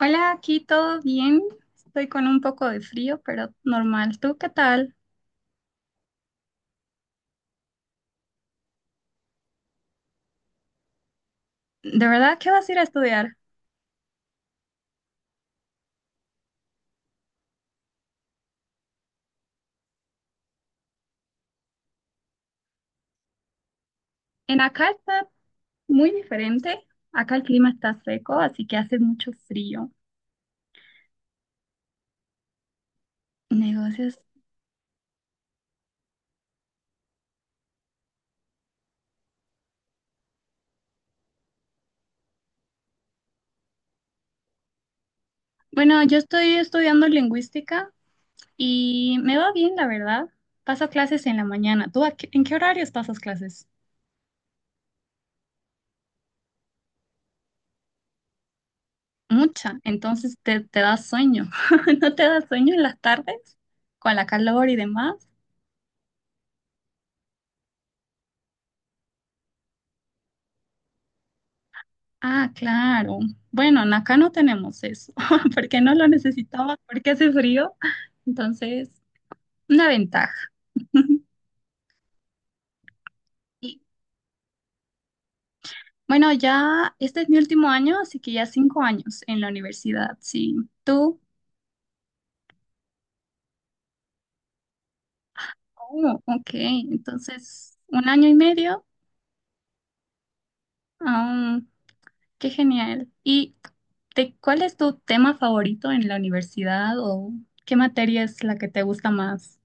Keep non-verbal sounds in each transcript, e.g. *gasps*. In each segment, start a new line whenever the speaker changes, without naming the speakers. Hola, aquí todo bien. Estoy con un poco de frío, pero normal. ¿Tú qué tal? ¿De verdad qué vas a ir a estudiar? En acá está muy diferente. Acá el clima está seco, así que hace mucho frío. Negocios. Bueno, yo estoy estudiando lingüística y me va bien, la verdad. Paso clases en la mañana. ¿Tú en qué horarios pasas clases? Mucha. Entonces te da sueño. *laughs* ¿No te da sueño en las tardes? Con la calor y demás. Ah, claro. Bueno, en acá no tenemos eso, *laughs* porque no lo necesitaba, porque hace frío. Entonces, una ventaja. *laughs* Y bueno, ya este es mi último año, así que ya 5 años en la universidad, sí. ¿Tú? Oh, ok, entonces un año y medio. Ah, qué genial. ¿Y cuál es tu tema favorito en la universidad o qué materia es la que te gusta más?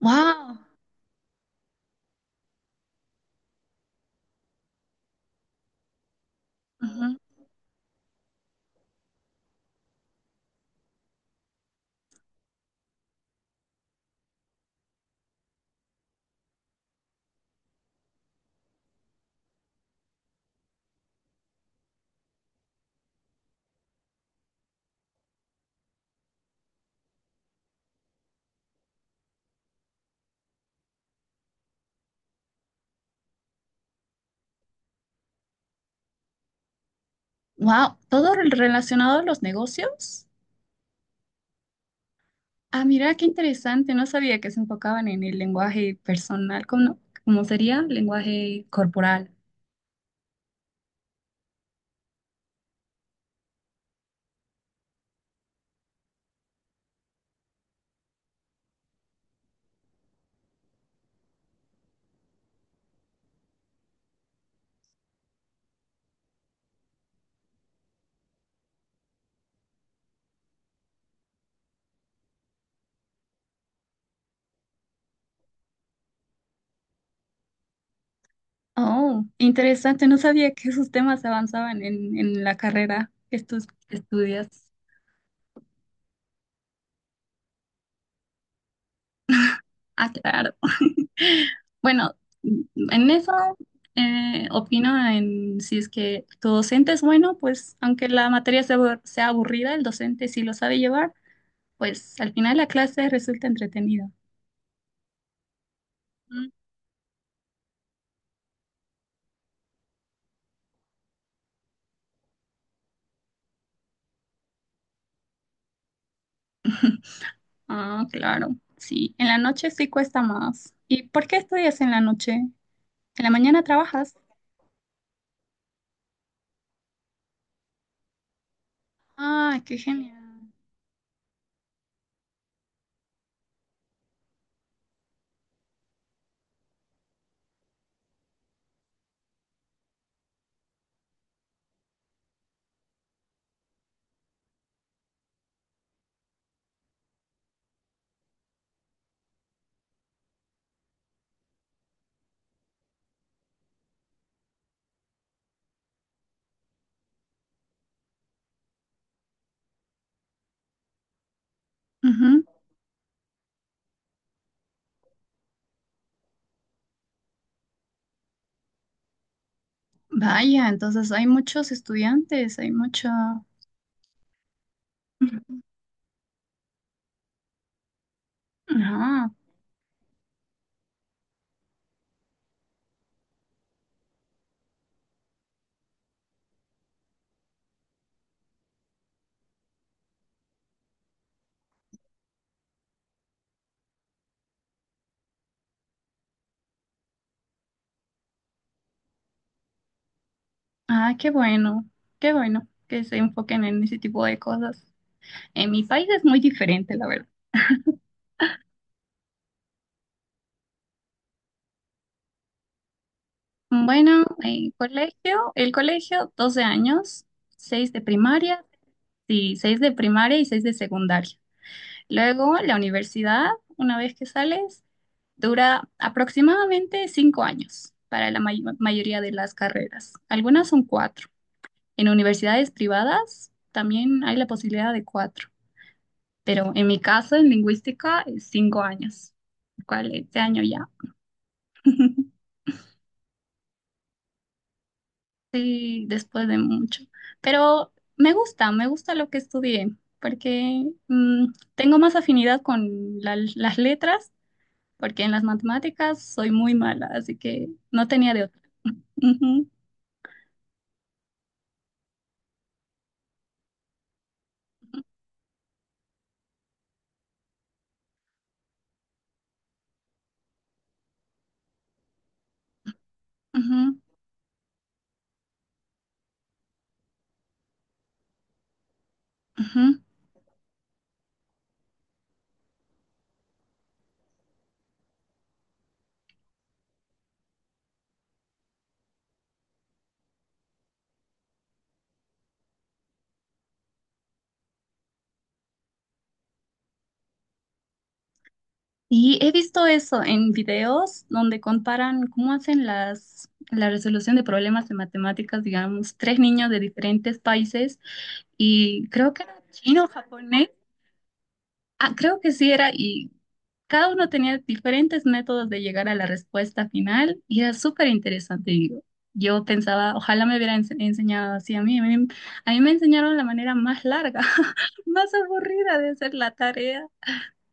Wow. Wow, todo relacionado a los negocios. Ah, mira, qué interesante. No sabía que se enfocaban en el lenguaje personal, como, cómo sería lenguaje corporal. Oh, interesante. No sabía que esos temas avanzaban en la carrera que tú estudias. Ah, claro. *laughs* Bueno, en eso opino en si es que tu docente es bueno, pues aunque la materia sea, sea aburrida, el docente si lo sabe llevar, pues al final la clase resulta entretenida. Mm. Ah, claro, sí. En la noche sí cuesta más. ¿Y por qué estudias en la noche? ¿En la mañana trabajas? Ah, qué genial. Ujú. Vaya, entonces hay muchos estudiantes, hay mucha... Ah, ah, qué bueno que se enfoquen en ese tipo de cosas. En mi país es muy diferente, la verdad. Bueno, el colegio, 12 años, 6 de primaria, sí, 6 de primaria y 6 de secundaria. Luego, la universidad, una vez que sales, dura aproximadamente 5 años para la mayoría de las carreras. Algunas son cuatro. En universidades privadas también hay la posibilidad de cuatro, pero en mi caso, en lingüística, es 5 años, lo cual este año ya. *laughs* Sí, después de mucho. Pero me gusta lo que estudié, porque tengo más afinidad con las letras porque en las matemáticas soy muy mala, así que no tenía de otra. Ujú, ujú, ujú. Y he visto eso en videos donde comparan cómo hacen la resolución de problemas de matemáticas, digamos, tres niños de diferentes países y creo que era chino, japonés, ah, creo que sí era y cada uno tenía diferentes métodos de llegar a la respuesta final y era súper interesante, digo. Yo pensaba, ojalá me hubieran enseñado así a mí. A mí me enseñaron la manera más larga, *laughs* más aburrida de hacer la tarea.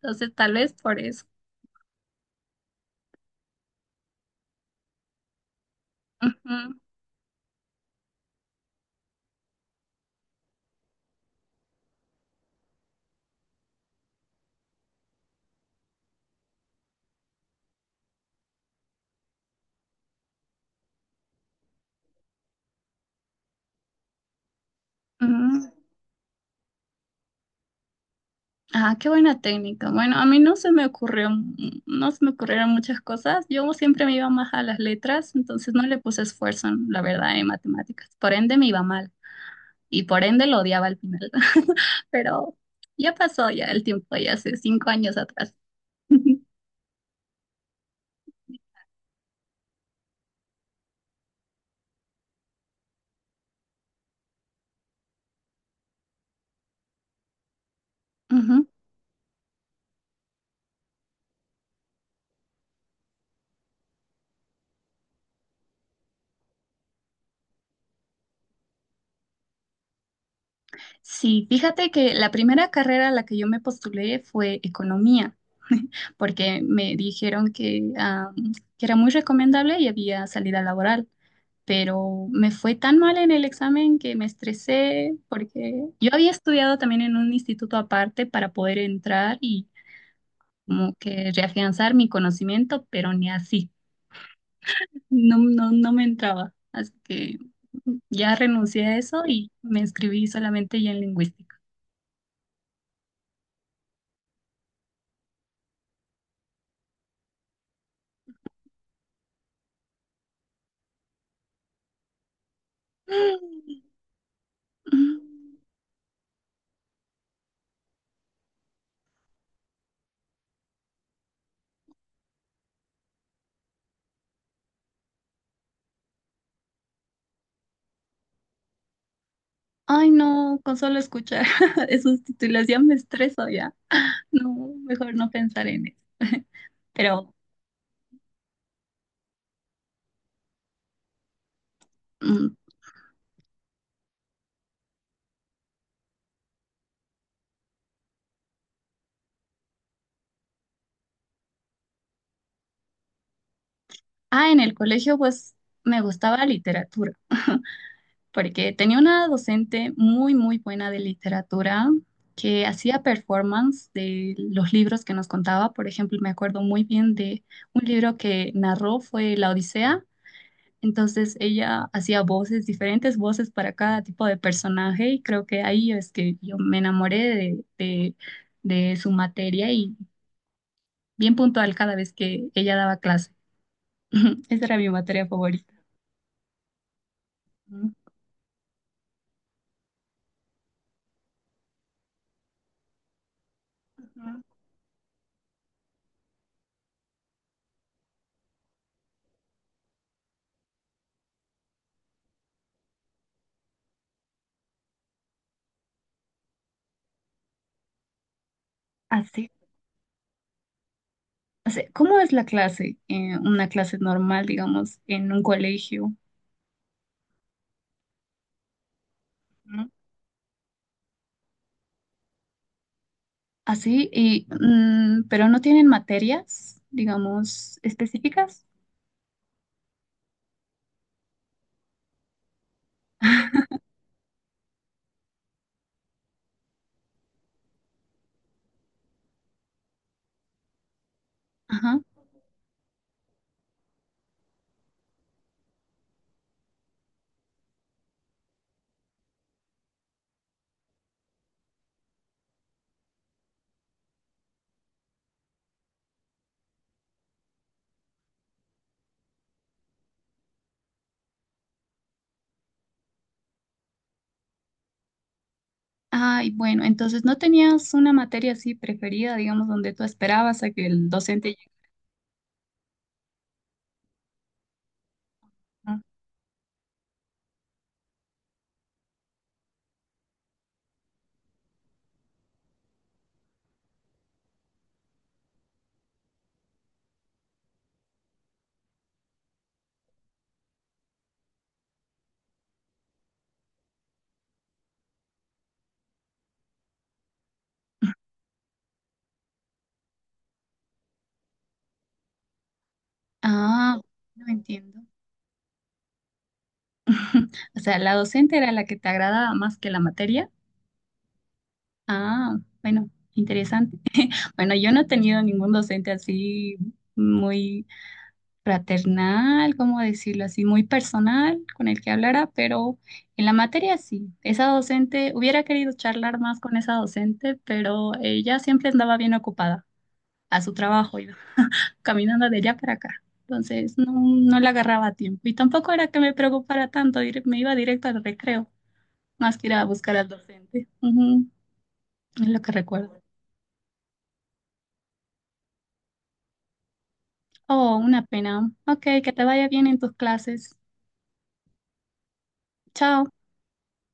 Entonces, tal vez por eso. Ujú, ujú. Ah, qué buena técnica. Bueno, a mí no se me ocurrió, no se me ocurrieron muchas cosas. Yo siempre me iba más a las letras, entonces no le puse esfuerzo, la verdad, en matemáticas. Por ende, me iba mal y por ende lo odiaba al final. Pero ya pasó ya el tiempo, ya hace 5 años atrás. *laughs* Ujú. Sí, fíjate que la primera carrera a la que yo me postulé fue economía, *laughs* porque me dijeron que era muy recomendable y había salida laboral, pero me fue tan mal en el examen que me estresé porque yo había estudiado también en un instituto aparte para poder entrar y como que reafianzar mi conocimiento, pero ni así. No, no, no me entraba. Así que ya renuncié a eso y me inscribí solamente ya en lingüística. *gasps* Ay, no, con solo escuchar *laughs* esos títulos ya me estreso ya. No, mejor no pensar en eso. *laughs* Pero, mm, ah, en el colegio pues me gustaba literatura. Porque tenía una docente muy, muy buena de literatura que hacía performance de los libros que nos contaba. Por ejemplo, me acuerdo muy bien de un libro que narró fue La Odisea. Entonces ella hacía voces, diferentes voces para cada tipo de personaje y creo que ahí es que yo me enamoré de su materia y bien puntual cada vez que ella daba clase. *laughs* Esa era mi materia favorita. Ujú. Así, o sea, ¿cómo es la clase? Una clase normal, digamos, en un colegio, ¿no? Así, y, pero no tienen materias, digamos, específicas. *laughs* Ajá. Ay, bueno, entonces no tenías una materia así preferida, digamos, donde tú esperabas a que el docente llegue. ¿No? Ah, no entiendo. O sea, la docente era la que te agradaba más que la materia. Ah, bueno, interesante. *laughs* Bueno, yo no he tenido ningún docente así muy fraternal, como decirlo así, muy personal con el que hablara, pero en la materia sí. Esa docente, hubiera querido charlar más con esa docente, pero ella siempre andaba bien ocupada a su trabajo, iba caminando de allá para acá. Entonces no, no la agarraba a tiempo. Y tampoco era que me preocupara tanto, me iba directo al recreo, más que ir a buscar al docente. Ujú, es lo que recuerdo. Oh, una pena. Ok, que te vaya bien en tus clases. Chao.